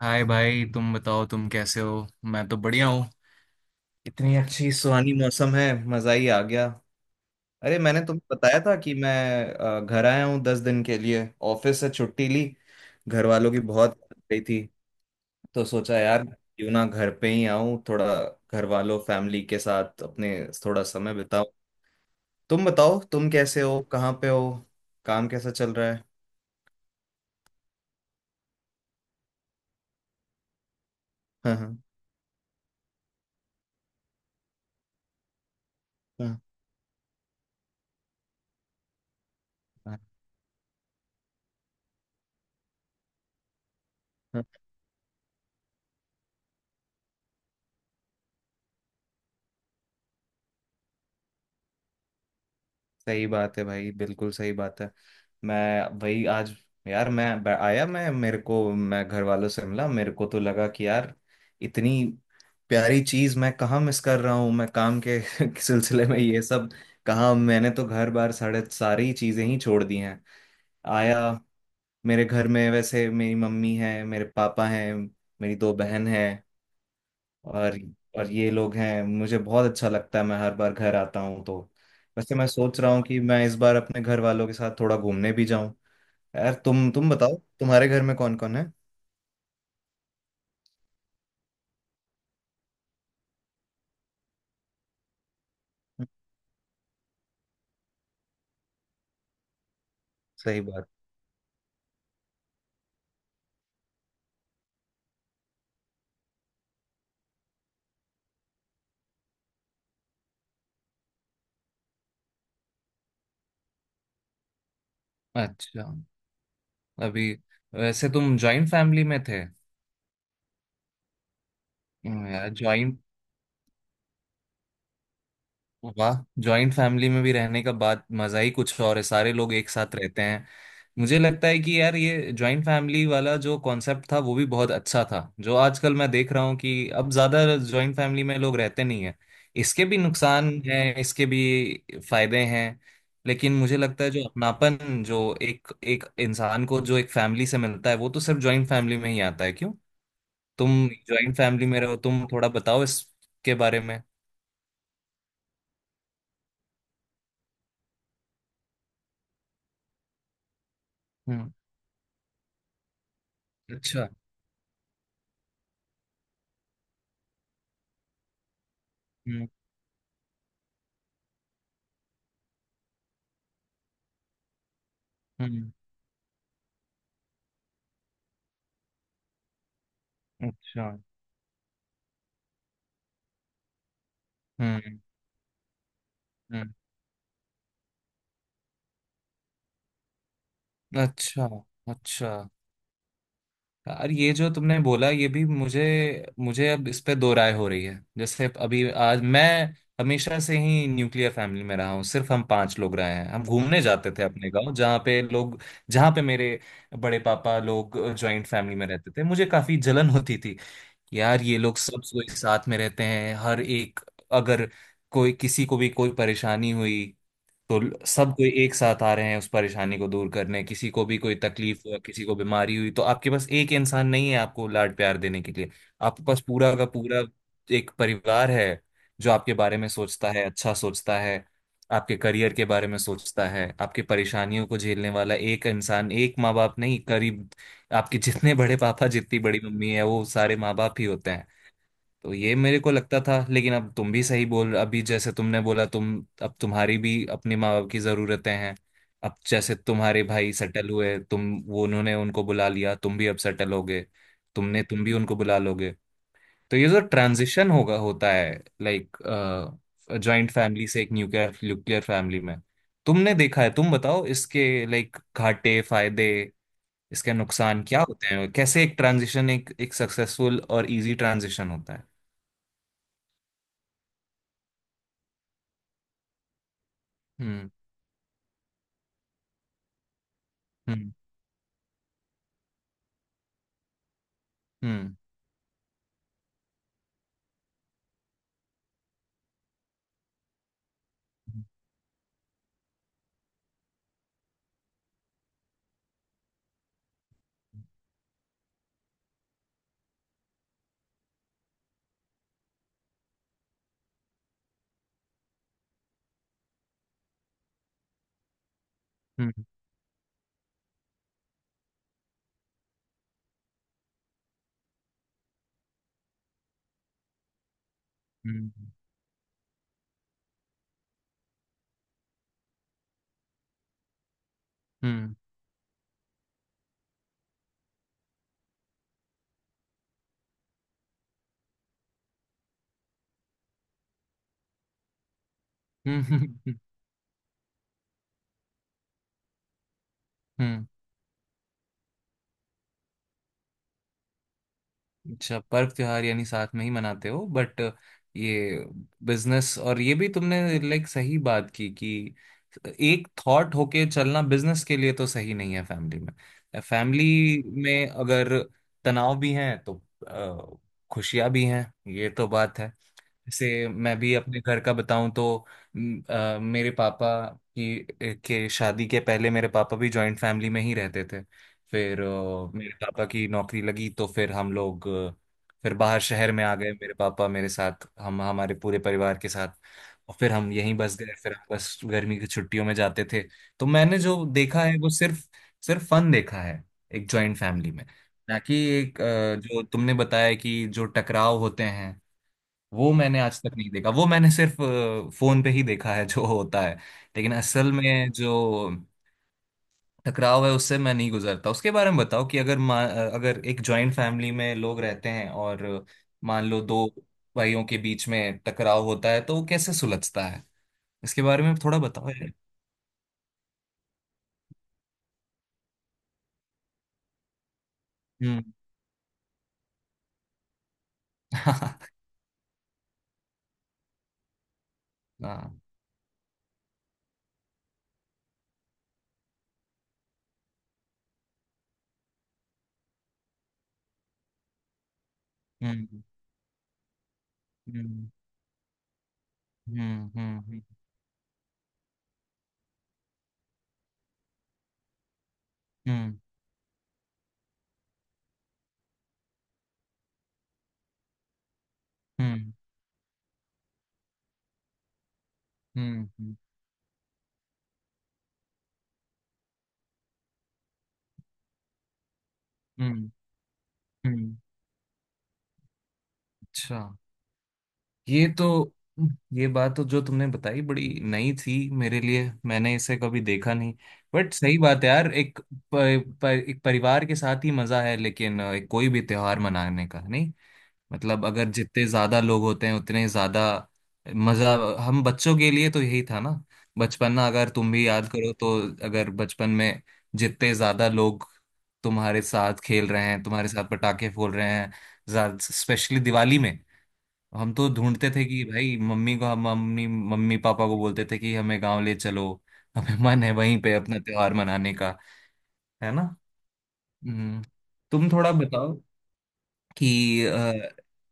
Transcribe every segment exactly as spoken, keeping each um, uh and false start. हाय भाई, तुम बताओ, तुम कैसे हो। मैं तो बढ़िया हूँ। इतनी अच्छी सुहानी मौसम है, मजा ही आ गया। अरे, मैंने तुम्हें बताया था कि मैं अ, घर आया हूँ दस दिन के लिए। ऑफिस से छुट्टी ली। घर वालों की बहुत याद गई थी, तो सोचा यार क्यों ना घर पे ही आऊँ। थोड़ा घर वालों, फैमिली के साथ अपने थोड़ा समय बिताऊं। तुम बताओ, तुम कैसे हो, कहाँ पे हो, काम कैसा चल रहा है। हाँ। हाँ। हाँ। सही बात है भाई, बिल्कुल सही बात है। मैं वही आज, यार मैं ब- आया, मैं मेरे को मैं घर वालों से मिला। मेरे को तो लगा कि यार इतनी प्यारी चीज मैं कहाँ मिस कर रहा हूँ, मैं काम के सिलसिले में। ये सब कहाँ, मैंने तो घर बार सारे, सारी चीजें ही छोड़ दी हैं। आया। मेरे घर में वैसे मेरी मम्मी है, मेरे पापा हैं, मेरी दो बहन है। और और ये लोग हैं। मुझे बहुत अच्छा लगता है, मैं हर बार घर आता हूँ तो। वैसे मैं सोच रहा हूँ कि मैं इस बार अपने घर वालों के साथ थोड़ा घूमने भी जाऊं। यार तुम तुम बताओ, तुम्हारे घर में कौन कौन है। सही बात। अच्छा। अभी वैसे तुम जॉइंट फैमिली में थे। हम्म। यार जॉइंट वाह। जॉइंट फैमिली में भी रहने का बात, मजा ही कुछ और है, सारे लोग एक साथ रहते हैं। मुझे लगता है कि यार ये जॉइंट फैमिली वाला जो कॉन्सेप्ट था वो भी बहुत अच्छा था। जो आजकल मैं देख रहा हूँ कि अब ज्यादा जॉइंट फैमिली में लोग रहते नहीं है। इसके भी नुकसान हैं, इसके भी फायदे हैं। लेकिन मुझे लगता है जो अपनापन जो एक एक इंसान को जो एक फैमिली से मिलता है, वो तो सिर्फ जॉइंट फैमिली में ही आता है, क्यों। तुम जॉइंट फैमिली में रहो, तुम थोड़ा बताओ इसके बारे में। हम्म। अच्छा। हम्म। हम्म। अच्छा। हम्म। हम्म। अच्छा। अच्छा। यार ये जो तुमने बोला, ये भी मुझे मुझे अब इस पे दो राय हो रही है। जैसे अभी आज मैं हमेशा से ही न्यूक्लियर फैमिली में रहा हूँ, सिर्फ हम पांच लोग रहे हैं। हम घूमने जाते थे अपने गांव, जहाँ पे लोग जहाँ पे मेरे बड़े पापा लोग जॉइंट फैमिली में रहते थे, मुझे काफी जलन होती थी। यार ये लोग सब कोई साथ में रहते हैं, हर एक। अगर कोई किसी को भी कोई परेशानी हुई, तो ल- सब कोई एक साथ आ रहे हैं उस परेशानी को दूर करने। किसी को भी कोई तकलीफ हुआ, किसी को बीमारी हुई, तो आपके पास एक इंसान नहीं है आपको लाड प्यार देने के लिए। आपके पास पूरा का पूरा एक परिवार है, जो आपके बारे में सोचता है, अच्छा सोचता है। आपके करियर के बारे में सोचता है। आपकी परेशानियों को झेलने वाला एक इंसान, एक माँ बाप नहीं करीब। आपके जितने बड़े पापा, जितनी बड़ी मम्मी है, वो सारे माँ बाप ही होते हैं। तो ये मेरे को लगता था। लेकिन अब तुम भी सही बोल, अभी जैसे तुमने बोला, तुम, अब तुम्हारी भी अपने माँ बाप की ज़रूरतें हैं। अब जैसे तुम्हारे भाई सेटल हुए, तुम वो उन्होंने उनको बुला लिया, तुम भी अब सेटल हो गए, तुमने तुम भी उनको बुला लोगे। तो ये जो ट्रांजिशन होगा, होता है, लाइक जॉइंट फैमिली से एक न्यूक्लियर न्यूक्लियर फैमिली में। तुमने देखा है, तुम बताओ इसके लाइक घाटे फायदे, इसके नुकसान क्या होते हैं, कैसे एक ट्रांजिशन, एक एक सक्सेसफुल और इजी ट्रांजिशन होता है। हम्म। हम्म। हम्म। हम्म। हम्म। हम्म। हम्म। हम्म। हम्म। अच्छा, पर्व त्योहार यानी साथ में ही मनाते हो, बट ये बिजनेस और ये भी तुमने लाइक सही बात की, कि एक थॉट होके चलना बिजनेस के लिए तो सही नहीं है। फैमिली में फैमिली में अगर तनाव भी हैं, तो अ, खुशियां भी हैं, ये तो बात है। जैसे मैं भी अपने घर का बताऊं तो म, अ, मेरे पापा की के शादी के पहले मेरे पापा भी जॉइंट फैमिली में ही रहते थे। फिर अ, मेरे पापा की नौकरी लगी, तो फिर हम लोग अ, फिर बाहर शहर में आ गए। मेरे पापा मेरे साथ, हम हमारे पूरे परिवार के साथ। और फिर हम यहीं बस गए। फिर हम बस गर्मी की छुट्टियों में जाते थे। तो मैंने जो देखा है, वो सिर्फ सिर्फ फन देखा है एक जॉइंट फैमिली में। ना कि एक अ, जो तुमने बताया कि जो टकराव होते हैं, वो मैंने आज तक नहीं देखा। वो मैंने सिर्फ फोन पे ही देखा है जो होता है। लेकिन असल में जो टकराव है, उससे मैं नहीं गुजरता। उसके बारे में बताओ कि अगर मा, अगर एक जॉइंट फैमिली में लोग रहते हैं, और मान लो दो भाइयों के बीच में टकराव होता है, तो वो कैसे सुलझता है। इसके बारे में थोड़ा बताओ यार। हम्म। हाँ। हाँ। हम्म। हम्म। हम्म। हम्म। हम्म। हम्म। हम्म। हम्म। हम्म। हम्म। अच्छा। ये तो, ये बात तो जो तुमने बताई बड़ी नई थी मेरे लिए, मैंने इसे कभी देखा नहीं। बट सही बात है यार, एक प, प, एक परिवार के साथ ही मजा है। लेकिन अ, एक कोई भी त्योहार मनाने का नहीं, मतलब अगर जितने ज्यादा लोग होते हैं उतने ज्यादा मजा। हम बच्चों के लिए तो यही था ना। बचपना, अगर तुम भी याद करो तो, अगर बचपन में जितने ज्यादा लोग तुम्हारे साथ खेल रहे हैं, तुम्हारे साथ पटाखे फोड़ रहे हैं, स्पेशली दिवाली में। हम तो ढूंढते थे कि भाई, मम्मी को हम मम्मी मम्मी पापा को बोलते थे कि हमें गांव ले चलो, हमें मन है वहीं पे अपना त्योहार मनाने का। है ना। हम्म। तुम थोड़ा बताओ कि अ,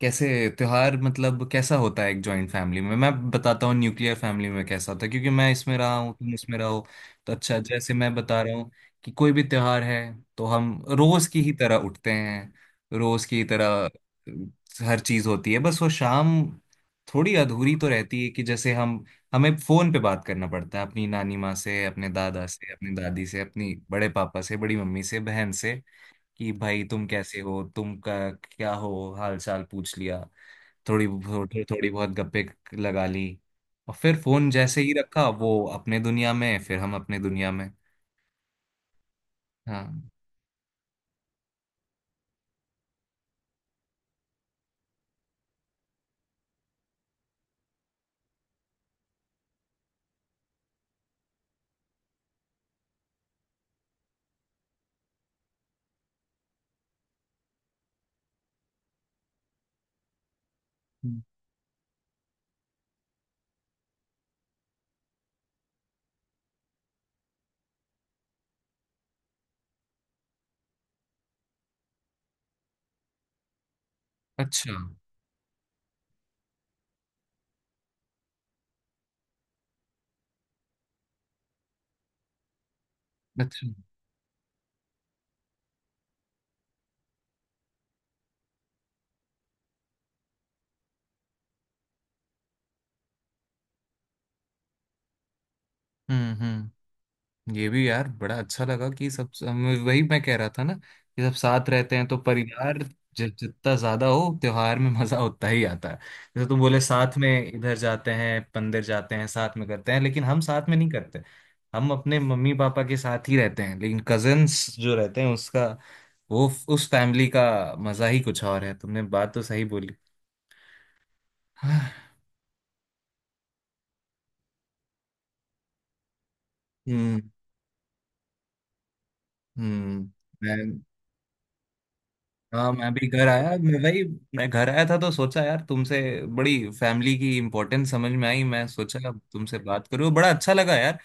कैसे त्योहार, मतलब कैसा होता है एक जॉइंट फैमिली में। मैं बताता हूँ न्यूक्लियर फैमिली में कैसा होता है, क्योंकि मैं इसमें रहा हूँ, तुम इसमें रहो। तो अच्छा, जैसे मैं बता रहा हूँ कि कोई भी त्योहार है, तो हम रोज की ही तरह उठते हैं। रोज की तरह अ, हर चीज होती है, बस वो शाम थोड़ी अधूरी तो रहती है कि जैसे हम हमें फोन पे बात करना पड़ता है अपनी नानी माँ से, अपने दादा से, अपनी दादी से, अपनी बड़े पापा से, बड़ी मम्मी से, बहन से कि भाई तुम कैसे हो, तुम का क्या हो, हाल चाल पूछ लिया, थोड़ी थोड़ी थोड़ी बहुत गप्पे लगा ली। और फिर फोन जैसे ही रखा, वो अपने दुनिया में, फिर हम अपने दुनिया में। हाँ। हम्म। अच्छा। अच्छा। हम्म। हम्म। ये भी यार बड़ा अच्छा लगा कि सब हम, वही मैं कह रहा था ना, कि सब साथ रहते हैं तो परिवार जि- जितना ज्यादा हो, त्योहार में मजा उतना ही आता है। जैसे तुम बोले साथ में इधर जाते हैं, मंदिर जाते हैं, साथ में करते हैं, लेकिन हम साथ में नहीं करते। हम अपने मम्मी पापा के साथ ही रहते हैं। लेकिन कजन्स जो रहते हैं उसका वो उस फैमिली का मजा ही कुछ और है। तुमने बात तो सही बोली। हाँ। हम्म। हम्म। हाँ, मैं भी घर आया, मैं वही मैं घर आया था, तो सोचा यार तुमसे, बड़ी फैमिली की इम्पोर्टेंस समझ में आई। मैं सोचा अब तुमसे बात करूँ। बड़ा अच्छा लगा यार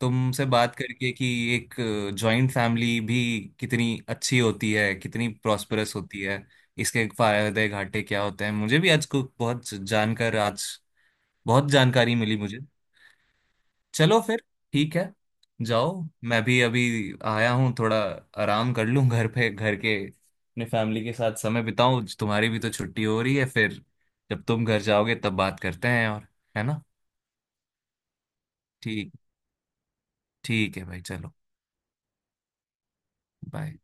तुमसे बात करके, कि एक जॉइंट फैमिली भी कितनी अच्छी होती है, कितनी प्रॉस्परस होती है, इसके फायदे घाटे क्या होते हैं। मुझे भी आज को बहुत जानकर आज बहुत जानकारी मिली मुझे। चलो फिर। ठीक है। जाओ। मैं भी अभी आया हूँ, थोड़ा आराम कर लूँ घर पे, घर के अपने फैमिली के साथ समय बिताऊं। तुम्हारी भी तो छुट्टी हो रही है फिर, जब तुम घर जाओगे तब बात करते हैं और। है ना। ठीक। ठीक है भाई, चलो। बाय।